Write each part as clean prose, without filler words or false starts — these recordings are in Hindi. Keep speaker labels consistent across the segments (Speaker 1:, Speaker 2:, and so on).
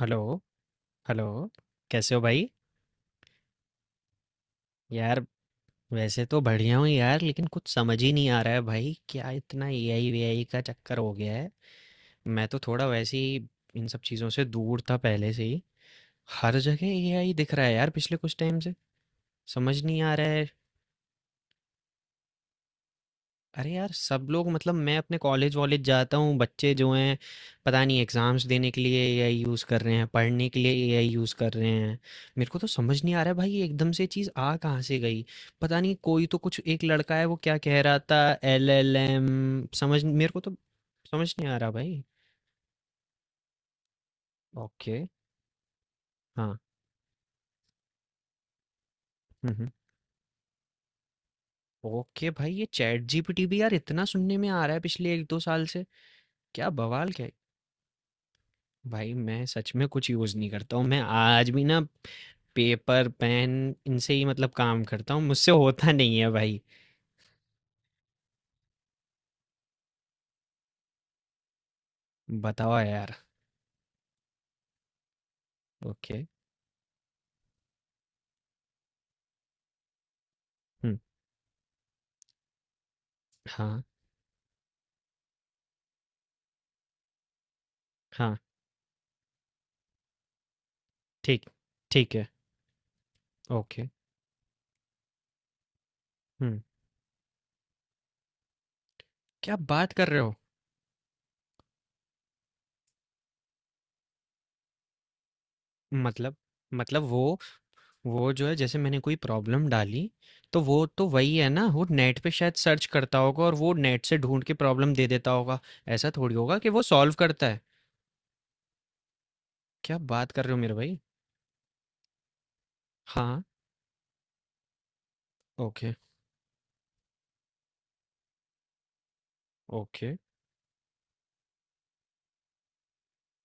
Speaker 1: हेलो, हेलो, कैसे हो भाई? यार वैसे तो बढ़िया हूँ यार लेकिन कुछ समझ ही नहीं आ रहा है भाई क्या इतना एआई वीआई का चक्कर हो गया है। मैं तो थोड़ा वैसे ही इन सब चीज़ों से दूर था पहले से ही। हर जगह एआई दिख रहा है यार पिछले कुछ टाइम से, समझ नहीं आ रहा है। अरे यार! सब लोग मतलब मैं अपने कॉलेज वॉलेज जाता हूँ, बच्चे जो हैं पता नहीं एग्ज़ाम्स देने के लिए एआई यूज़ कर रहे हैं, पढ़ने के लिए एआई यूज़ कर रहे हैं। मेरे को तो समझ नहीं आ रहा है भाई ये एकदम से चीज़ आ कहाँ से गई? पता नहीं कोई तो कुछ एक लड़का है वो क्या कह रहा था एलएलएम, समझ मेरे को तो समझ नहीं आ रहा भाई। ओके। हाँ। हुँ, हुँ। ओके भाई ये चैट जीपीटी भी यार इतना सुनने में आ रहा है पिछले 1-2 साल से, क्या बवाल क्या। भाई मैं सच में कुछ यूज़ नहीं करता हूँ। मैं आज भी ना पेपर पेन इनसे ही मतलब काम करता हूँ, मुझसे होता नहीं है भाई। बताओ यार। ओके। हुँ, हाँ हाँ। ठीक, ठीक है। ओके। हुँ, क्या बात कर रहे हो। मतलब मतलब वो जो है जैसे मैंने कोई प्रॉब्लम डाली तो वो तो वही है ना, वो नेट पे शायद सर्च करता होगा और वो नेट से ढूंढ के प्रॉब्लम दे देता होगा। ऐसा थोड़ी होगा कि वो सॉल्व करता है। क्या बात कर रहे हो मेरे भाई। हाँ। ओके। ओके।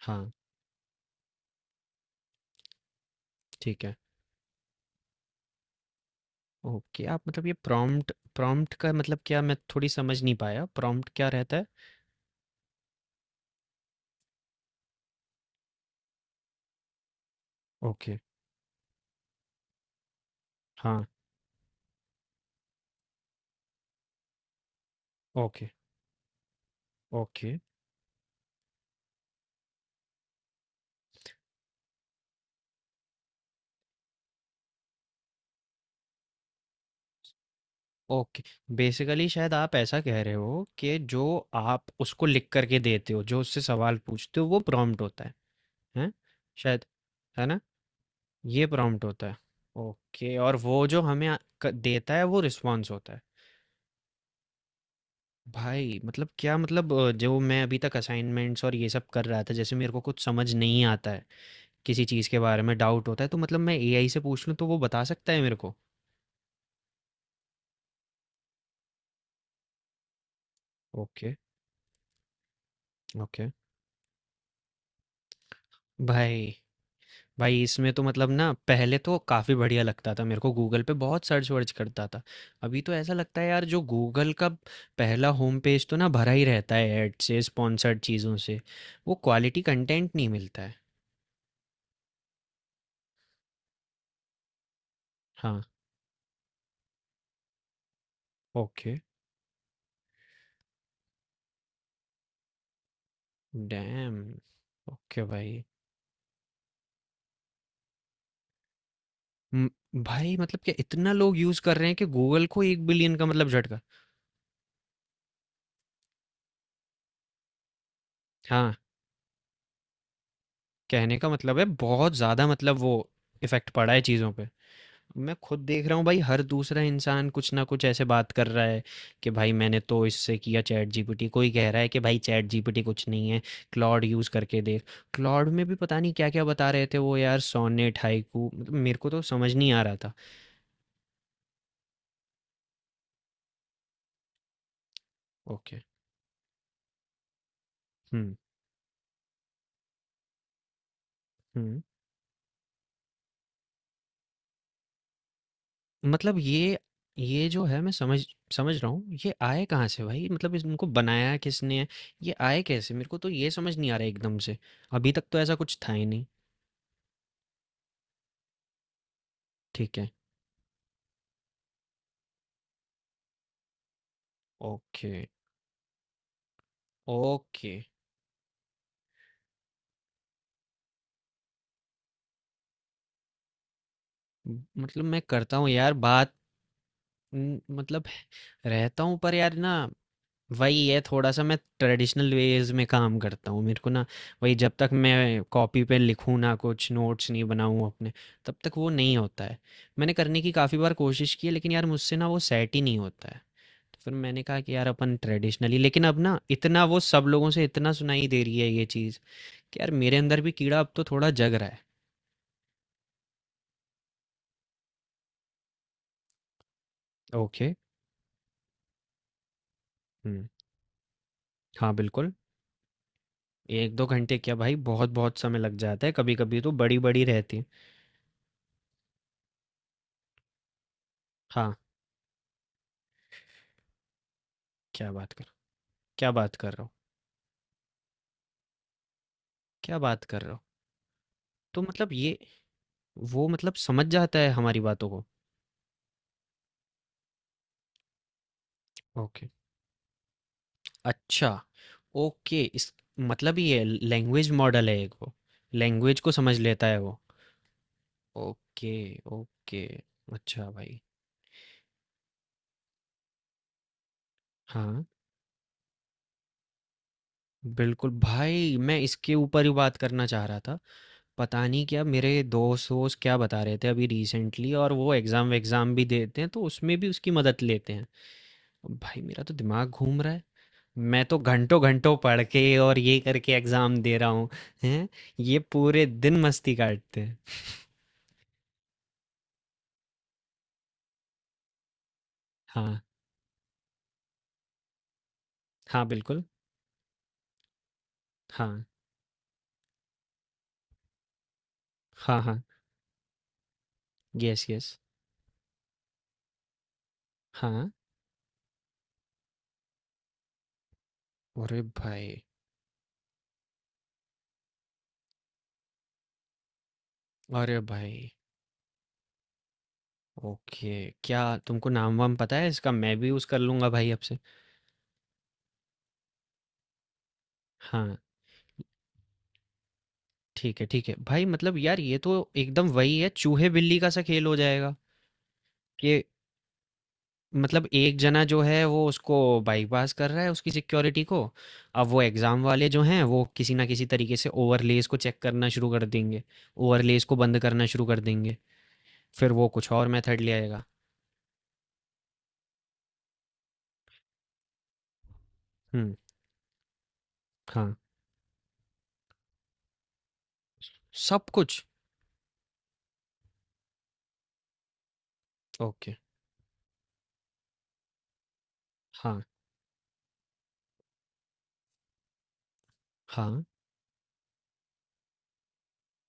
Speaker 1: हाँ। ठीक है। ओके, आप मतलब ये प्रॉम्प्ट, प्रॉम्प्ट का मतलब क्या मैं थोड़ी समझ नहीं पाया, प्रॉम्प्ट क्या रहता है? ओके, हाँ, ओके, ओके, ओके। बेसिकली शायद आप ऐसा कह रहे हो कि जो आप उसको लिख कर के देते हो, जो उससे सवाल पूछते हो वो प्रॉम्प्ट होता है, हैं? शायद, है ना? ये प्रॉम्प्ट होता है। ओके और वो जो हमें अ, क देता है वो रिस्पॉन्स होता है। भाई मतलब क्या मतलब जो मैं अभी तक असाइनमेंट्स और ये सब कर रहा था, जैसे मेरे को कुछ समझ नहीं आता है। किसी चीज़ के बारे में डाउट होता है तो मतलब मैं एआई से पूछ लूँ तो वो बता सकता है मेरे को? Okay, okay. भाई, भाई इसमें तो मतलब ना पहले तो काफ़ी बढ़िया लगता था, मेरे को गूगल पे बहुत सर्च-वर्च करता था। अभी तो ऐसा लगता है यार जो गूगल का पहला होम पेज तो ना भरा ही रहता है ऐड से, स्पॉन्सर्ड चीज़ों से। वो क्वालिटी कंटेंट नहीं मिलता है। हाँ। ओके। डैम! ओके भाई। उम, भाई मतलब क्या इतना लोग यूज़ कर रहे हैं कि गूगल को 1 बिलियन का मतलब झटका। हाँ। कहने का मतलब है बहुत ज़्यादा मतलब वो इफ़ेक्ट पड़ा है चीज़ों पे। मैं खुद देख रहा हूँ भाई हर दूसरा इंसान कुछ ना कुछ ऐसे बात कर रहा है कि भाई मैंने तो इससे किया चैटजीपीटी, कोई कह रहा है कि भाई चैटजीपीटी कुछ नहीं है, क्लॉड यूज़ करके देख। क्लॉड में भी पता नहीं क्या-क्या बता रहे थे वो यार सोनेट, हाइकू, मतलब मेरे को तो समझ नहीं आ रहा था। ओके। हुँ, हुँ। मतलब ये जो है मैं समझ समझ रहा हूँ ये आए कहाँ से भाई, मतलब इनको बनाया किसने है, ये आए कैसे मेरे को तो ये समझ नहीं आ रहा है एकदम से, अभी तक तो ऐसा कुछ था ही नहीं। ठीक है। ओके। ओके। मतलब मैं करता हूँ यार बात। मतलब रहता हूँ पर यार ना वही है थोड़ा सा, मैं ट्रेडिशनल वेज में काम करता हूँ मेरे को ना वही, जब तक मैं कॉपी पे लिखूँ ना, कुछ नोट्स नहीं बनाऊँ अपने तब तक वो नहीं होता है। मैंने करने की काफ़ी बार कोशिश की है लेकिन यार मुझसे ना वो सेट ही नहीं होता है, तो फिर मैंने कहा कि यार अपन ट्रेडिशनली, लेकिन अब ना इतना वो सब लोगों से इतना सुनाई दे रही है ये चीज़ कि यार मेरे अंदर भी कीड़ा अब तो थोड़ा जग रहा है। ओके। हम्म। हाँ बिल्कुल। एक दो घंटे क्या भाई बहुत बहुत समय लग जाता है, कभी कभी तो बड़ी बड़ी रहती है। हाँ। क्या बात कर क्या बात कर रहा हूँ। क्या बात कर रहे हो? तो मतलब ये वो मतलब समझ जाता है हमारी बातों को। ओके। अच्छा, ओके इस मतलब ये लैंग्वेज मॉडल है एक वो। लैंग्वेज को समझ लेता है वो। Okay, okay. अच्छा भाई। हाँ, बिल्कुल भाई मैं इसके ऊपर ही बात करना चाह रहा था। पता नहीं क्या मेरे दोस्त-वोस्त क्या बता रहे थे अभी रिसेंटली, और वो एग्ज़ाम-वेग्ज़ाम भी देते हैं तो उसमें भी उसकी मदद लेते हैं। भाई मेरा तो दिमाग घूम रहा है। मैं तो घंटों-घंटों पढ़ के और ये करके एग्ज़ाम दे रहा हूँ, हैं? ये पूरे दिन मस्ती काटते हैं। हाँ, हाँ, बिल्कुल। हाँ, हाँ, हाँ। Yes, yes. हाँ। अरे भाई! अरे भाई! ओके, क्या तुमको नाम-वाम पता है इसका? मैं भी यूज़ कर लूँगा भाई अब से। हाँ, ठीक है, ठीक है। भाई मतलब यार ये तो एकदम वही है चूहे-बिल्ली का सा खेल हो जाएगा। ये मतलब एक जना जो है वो उसको बाईपास कर रहा है उसकी सिक्योरिटी को, अब वो एग्ज़ाम वाले जो हैं वो किसी ना किसी तरीके से ओवरलेस को चेक करना शुरू कर देंगे, ओवरलेस को बंद करना शुरू कर देंगे, फिर वो कुछ और मेथड ले आएगा। हम्म। हाँ सब कुछ। ओके। हाँ हाँ।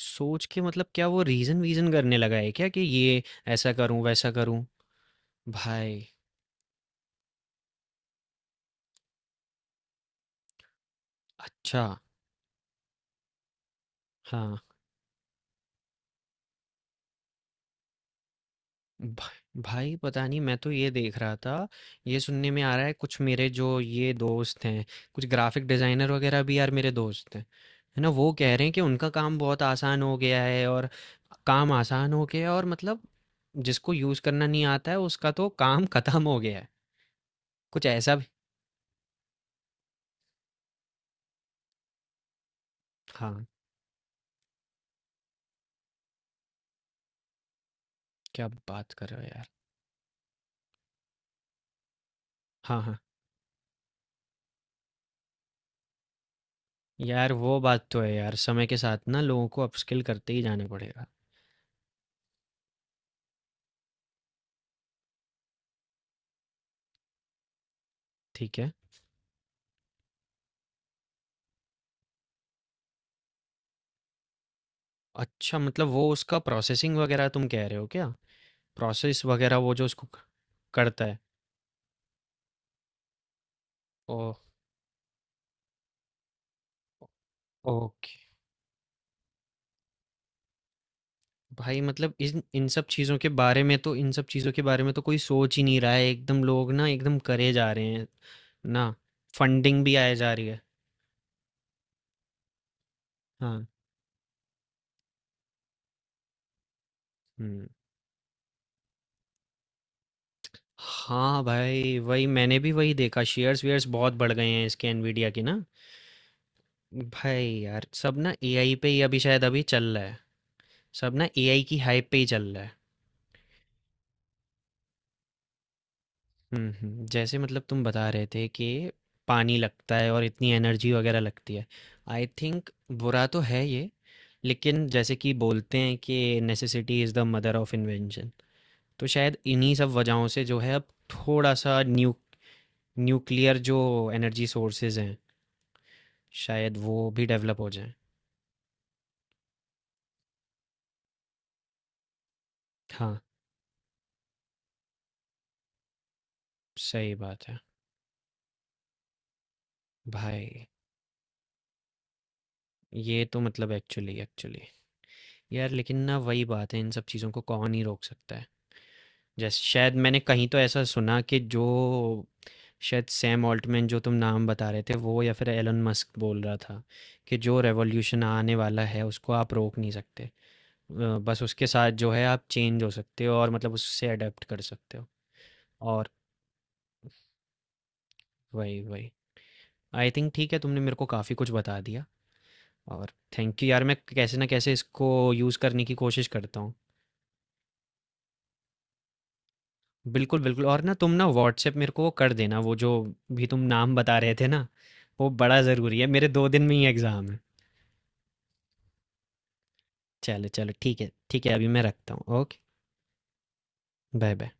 Speaker 1: सोच के मतलब क्या वो रीज़न वीज़न करने लगा है क्या कि ये ऐसा करूं वैसा करूं। भाई, अच्छा। हाँ। भा भाई पता नहीं मैं तो ये देख रहा था, ये सुनने में आ रहा है कुछ मेरे जो ये दोस्त हैं, कुछ ग्राफिक डिजाइनर वगैरह भी यार मेरे दोस्त हैं, है ना, वो कह रहे हैं कि उनका काम बहुत आसान हो गया है और काम आसान हो गया है और मतलब जिसको यूज करना नहीं आता है उसका तो काम खत्म हो गया है। कुछ ऐसा भी। हाँ। क्या बात कर रहे हो यार। हाँ हाँ। यार वो बात तो है यार, समय के साथ ना लोगों को अपस्किल करते ही जाना पड़ेगा। ठीक है। अच्छा मतलब वो उसका प्रोसेसिंग वगैरह तुम कह रहे हो क्या, प्रोसेस वगैरह वो जो उसको क करता है। ओह! ओके। भाई मतलब इन इन सब चीज़ों के बारे में तो इन सब चीज़ों के बारे में तो कोई सोच ही नहीं रहा है, एकदम लोग ना एकदम करे जा रहे हैं, ना? फंडिंग भी आए जा रही है। हाँ। हुँ। हाँ भाई, वही मैंने भी वही देखा शेयर्स-वेयर्स बहुत बढ़ गए हैं इसके एनवीडिया के ना। भाई यार, सब ना एआई पे ही अभी शायद अभी चल रहा है। सब ना एआई की हाइप पे ही चल रहा है। हुँ, हुँ। जैसे मतलब तुम बता रहे थे कि पानी लगता है और इतनी एनर्जी वगैरह लगती है। आई थिंक बुरा तो है ये, लेकिन जैसे कि बोलते हैं कि necessity is the mother of invention. तो शायद इन्हीं सब वजहों से जो है अब थोड़ा-सा न्यूक्लियर जो एनर्जी सोर्सेज़ हैं, शायद वो भी डेवलप हो जाएँ। हाँ, सही बात है। भाई, ये तो मतलब एक्चुअली एक्चुअली। यार लेकिन ना वही बात है, इन सब चीज़ों को कौन ही रोक सकता है। जैसे शायद मैंने कहीं तो ऐसा सुना कि जो शायद सैम ऑल्टमैन जो तुम नाम बता रहे थे वो या फिर एलन मस्क बोल रहा था कि जो रेवोल्यूशन आने वाला है उसको आप रोक नहीं सकते, बस उसके साथ जो है आप चेंज हो सकते हो और मतलब उससे अडेप्ट कर सकते हो। और वही वही आई थिंक ठीक है, तुमने मेरे को काफ़ी कुछ बता दिया। और थैंक यू यार मैं कैसे ना कैसे इसको यूज़ करने की कोशिश करता हूँ। बिल्कुल, बिल्कुल, और ना तुम ना व्हाट्सएप मेरे को वो कर देना वो जो भी तुम नाम बता रहे थे ना, वो बड़ा ज़रूरी है, मेरे 2 दिन में ही एग्ज़ाम है। चलो, चलो ठीक है अभी मैं रखता हूँ। Okay, bye, bye.